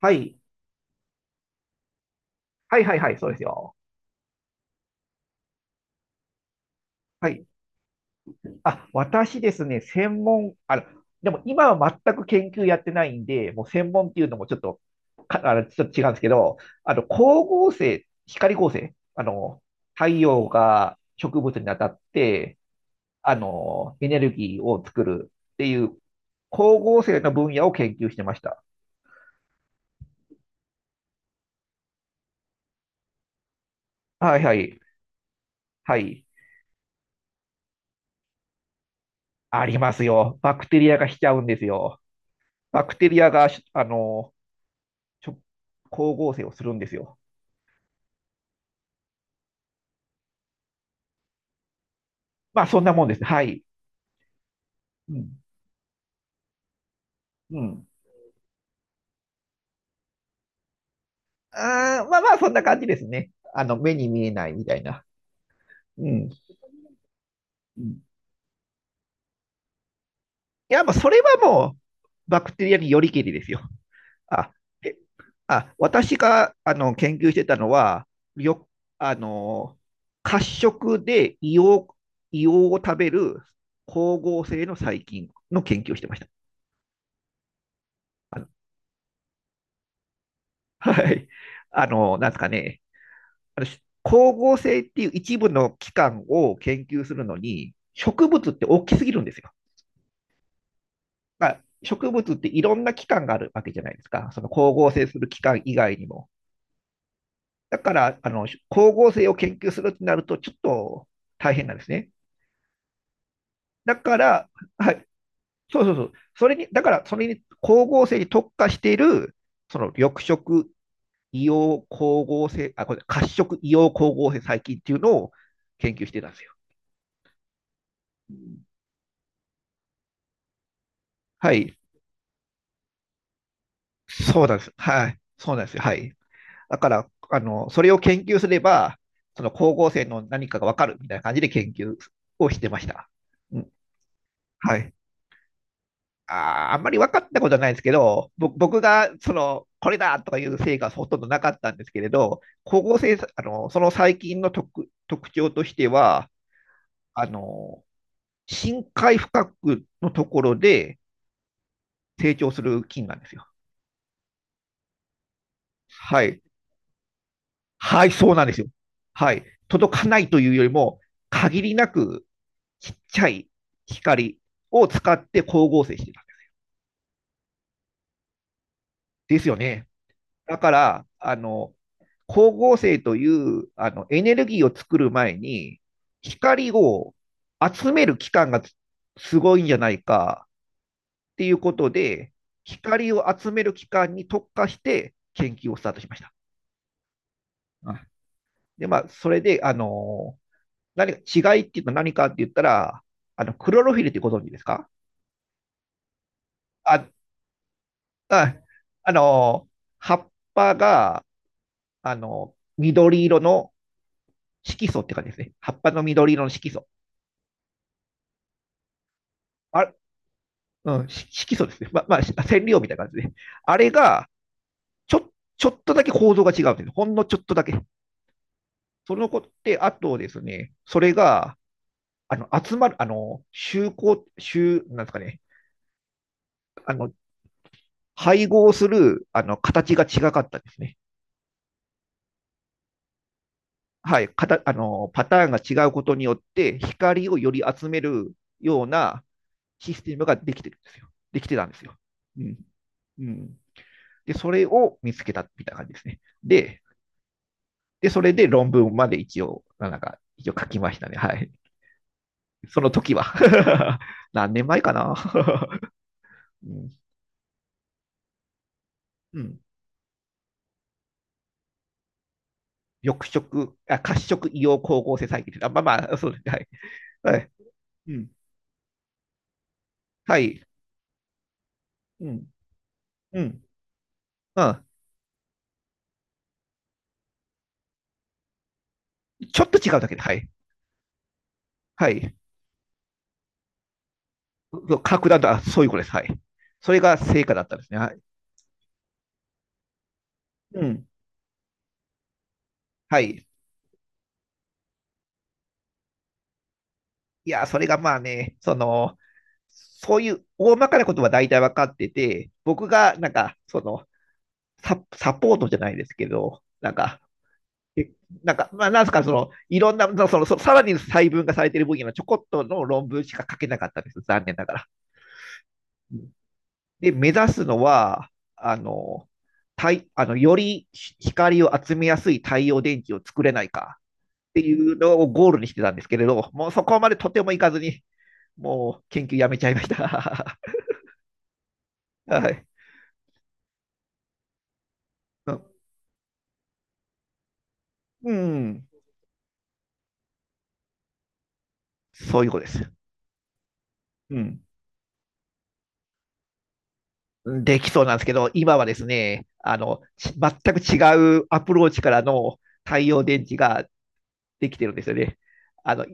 はい。はいはいはい、そうですよ。はい。あ、私ですね、専門、でも今は全く研究やってないんで、もう専門っていうのもちょっと、か、あの、ちょっと違うんですけど、あの、光光合成、太陽が植物に当たって、エネルギーを作るっていう、光合成の分野を研究してました。はいはい。はい。ありますよ。バクテリアがしちゃうんですよ。バクテリアが、ちょ、光合成をするんですよ。まあ、そんなもんです。はい。うん。うん。あーまあまあ、そんな感じですね。あの、目に見えないみたいな。うん。うん、いや、まあ、それはもう、バクテリアによりけりですよ。あ、えあ、私が、研究してたのは、よ、あの、褐色で硫黄、硫黄を食べる光合成の細菌の研究をしてました。あのはい。あの、なんですかね。あの、光合成っていう一部の器官を研究するのに、植物って大きすぎるんですよ。まあ、植物っていろんな器官があるわけじゃないですか。その光合成する器官以外にも。だから、光合成を研究するってなると、ちょっと大変なんですね。だから、はい、そうそうそう。それに、だから、それに光合成に特化している、その緑色硫黄光合成、あ、これ、褐色硫黄光合成細菌っていうのを研究してたんですよ。はい。そうなんです。はい。そうなんですよ。はい。だから、それを研究すれば、その光合成の何かがわかるみたいな感じで研究をしてました。うん。はい。あー、あんまり分かったことはないですけど、僕が、その、これだとかいう成果はほとんどなかったんですけれど、光合成、あの、その細菌の特徴としては、あの、深海深くのところで成長する菌なんですよ。はい。はい、そうなんですよ。はい。届かないというよりも、限りなくちっちゃい光を使って光合成してた。ですよね。だから、光合成というあのエネルギーを作る前に、光を集める期間がつすごいんじゃないかっていうことで、光を集める期間に特化して研究をスタートしました。うん。で、まあ、それで、あの、何か違いっていうと何かって言ったら、あの、クロロフィルってご存知ですか？あ、あ、あの、葉っぱが、緑色の色素って感じですね。葉っぱの緑色の色素。あ、うん、色素ですね。まあ、染料みたいな感じですね。あれが、ちょっとだけ構造が違うんです。ほんのちょっとだけ。そのことで、あとですね、それが、あの、集まる、あの、集合、集、なんですかね、あの、配合する、形が違かったですね。はい、あのパターンが違うことによって、光をより集めるようなシステムができてたんですよ。うん。うん。で、それを見つけたみたいな感じですね。で、で、それで論文まで一応、なんか、一応書きましたね。はい。その時は 何年前かな、うん。うん。緑色、あ、褐色硫黄光合成細菌です。あ、まあまあ、そうですね。はい。はい。うん。はい。うん。うん。うん。ちょっと違うだけで、はい。はい。格段と、あ、そういうことです。はい。それが成果だったんですね。はい。うん。はい。いや、それがまあね、その、そういう大まかなことは大体分かってて、僕がなんか、その、サポートじゃないですけど、なんか、えなんか、まあ、なんすか、その、いろんな、その、そのさらに細分化されている分野のちょこっとの論文しか書けなかったんです。残念ながら。で、目指すのは、あの、あのより光を集めやすい太陽電池を作れないかっていうのをゴールにしてたんですけれど、もうそこまでとてもいかずに、もう研究やめちゃいました。はい。うん、そういうことです。うん。できそうなんですけど、今はですね、あの、全く違うアプローチからの太陽電池ができてるんですよね。あの、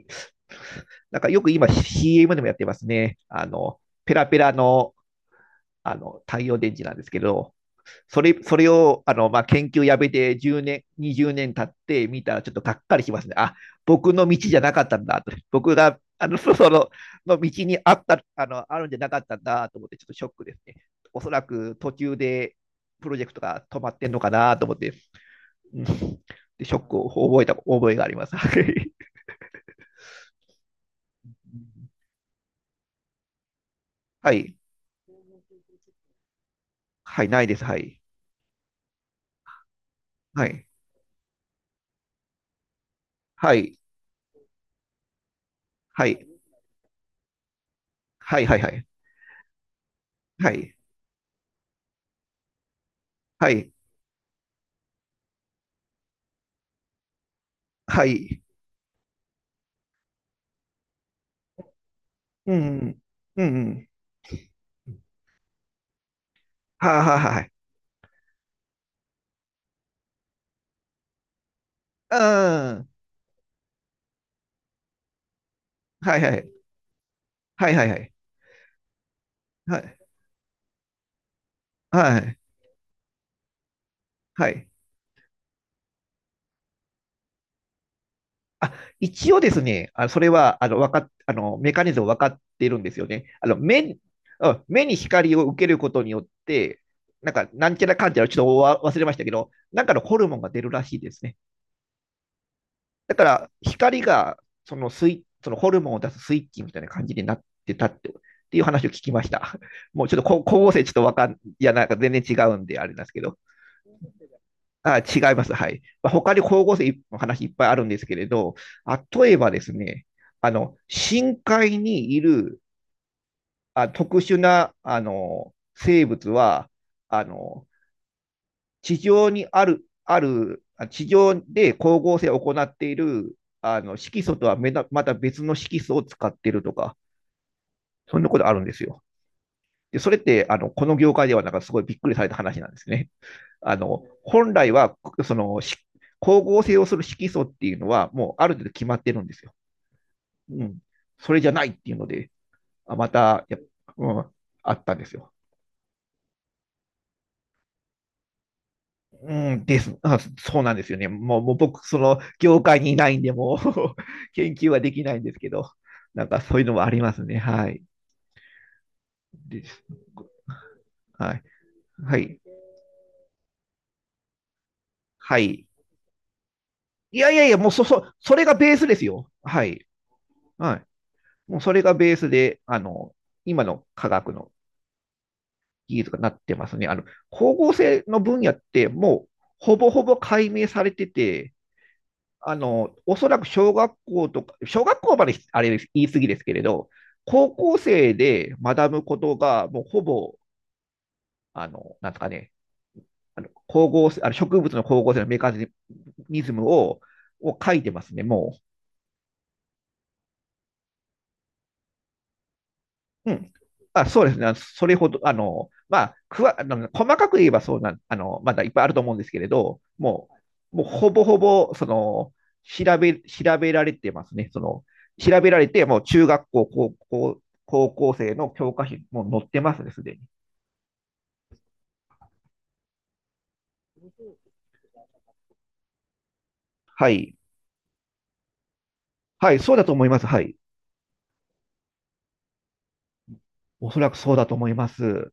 なんかよく今 CM でもやってますね。あの、ペラペラのあの太陽電池なんですけど、それを、あの、まあ、研究やめて10年、20年経って見たらちょっとがっかりしますね。あ、僕の道じゃなかったんだと。僕が、あの、その、の道にあった、あの、あるんじゃなかったんだと思って、ちょっとショックですね。おそらく途中でプロジェクトが止まってんのかなと思って、うん、でショックを覚えた覚えがあります。はい。はい、ないです。はい。はい。はい。はい。はい。はい。はい。はい。はい。はい。うん。うん。うん。はいはいはい。うん。はいはい。はいはいはい。はい。はい。はい。あ、一応ですね、あ、それは、あの、メカニズム分かっているんですよね。あの、目、うん、目に光を受けることによって、なんか、なんちゃらかんちゃら、ちょっと忘れましたけど、なんかのホルモンが出るらしいですね。だから、光が、そのスイ、そのホルモンを出すスイッチみたいな感じになってたって、っていう話を聞きました。もうちょっと、光合成ちょっとわかん、いや、なんか全然違うんで、あれなんですけど。あ、違います。はい。まあ、他に光合成の話いっぱいあるんですけれど、例えばですね、あの、深海にいる特殊なあの生物は、あの、地上にある、ある、あ地上で光合成を行っているあの色素とはまた別の色素を使っているとか、そんなことあるんですよ。で、それって、あの、この業界ではなんかすごいびっくりされた話なんですね。あの、本来は、その、光合成をする色素っていうのは、もうある程度決まってるんですよ。うん。それじゃないっていうので、あまたや、うん、あったんですよ。うん、です。あ、そうなんですよね。もう僕、その、業界にいないんで、もう 研究はできないんですけど、なんかそういうのもありますね。はい。です。はい。はい。はい。いやいやいや、もうそ、そ、それがベースですよ。はい。はい。もうそれがベースで、今の科学の技術がなってますね。あの、光合成の分野ってもうほぼほぼ解明されてて、あの、おそらく小学校とか、小学校まであれ言い過ぎですけれど、高校生で学ぶことがもうほぼ、あの、なんですかね、光合成、あの植物の光合成のメカニズムを、を書いてますね、もう。うん。あ、そうですね。それほど、あの、まあ、くわ、あの、細かく言えばそうなん、あの、まだいっぱいあると思うんですけれど、もうほぼほぼ、その、調べられてますね。その、調べられて、もう中学校、高校、高校生の教科書にもう載ってますね、すでに。はい。はい、そうだと思います。はい。おそらくそうだと思います。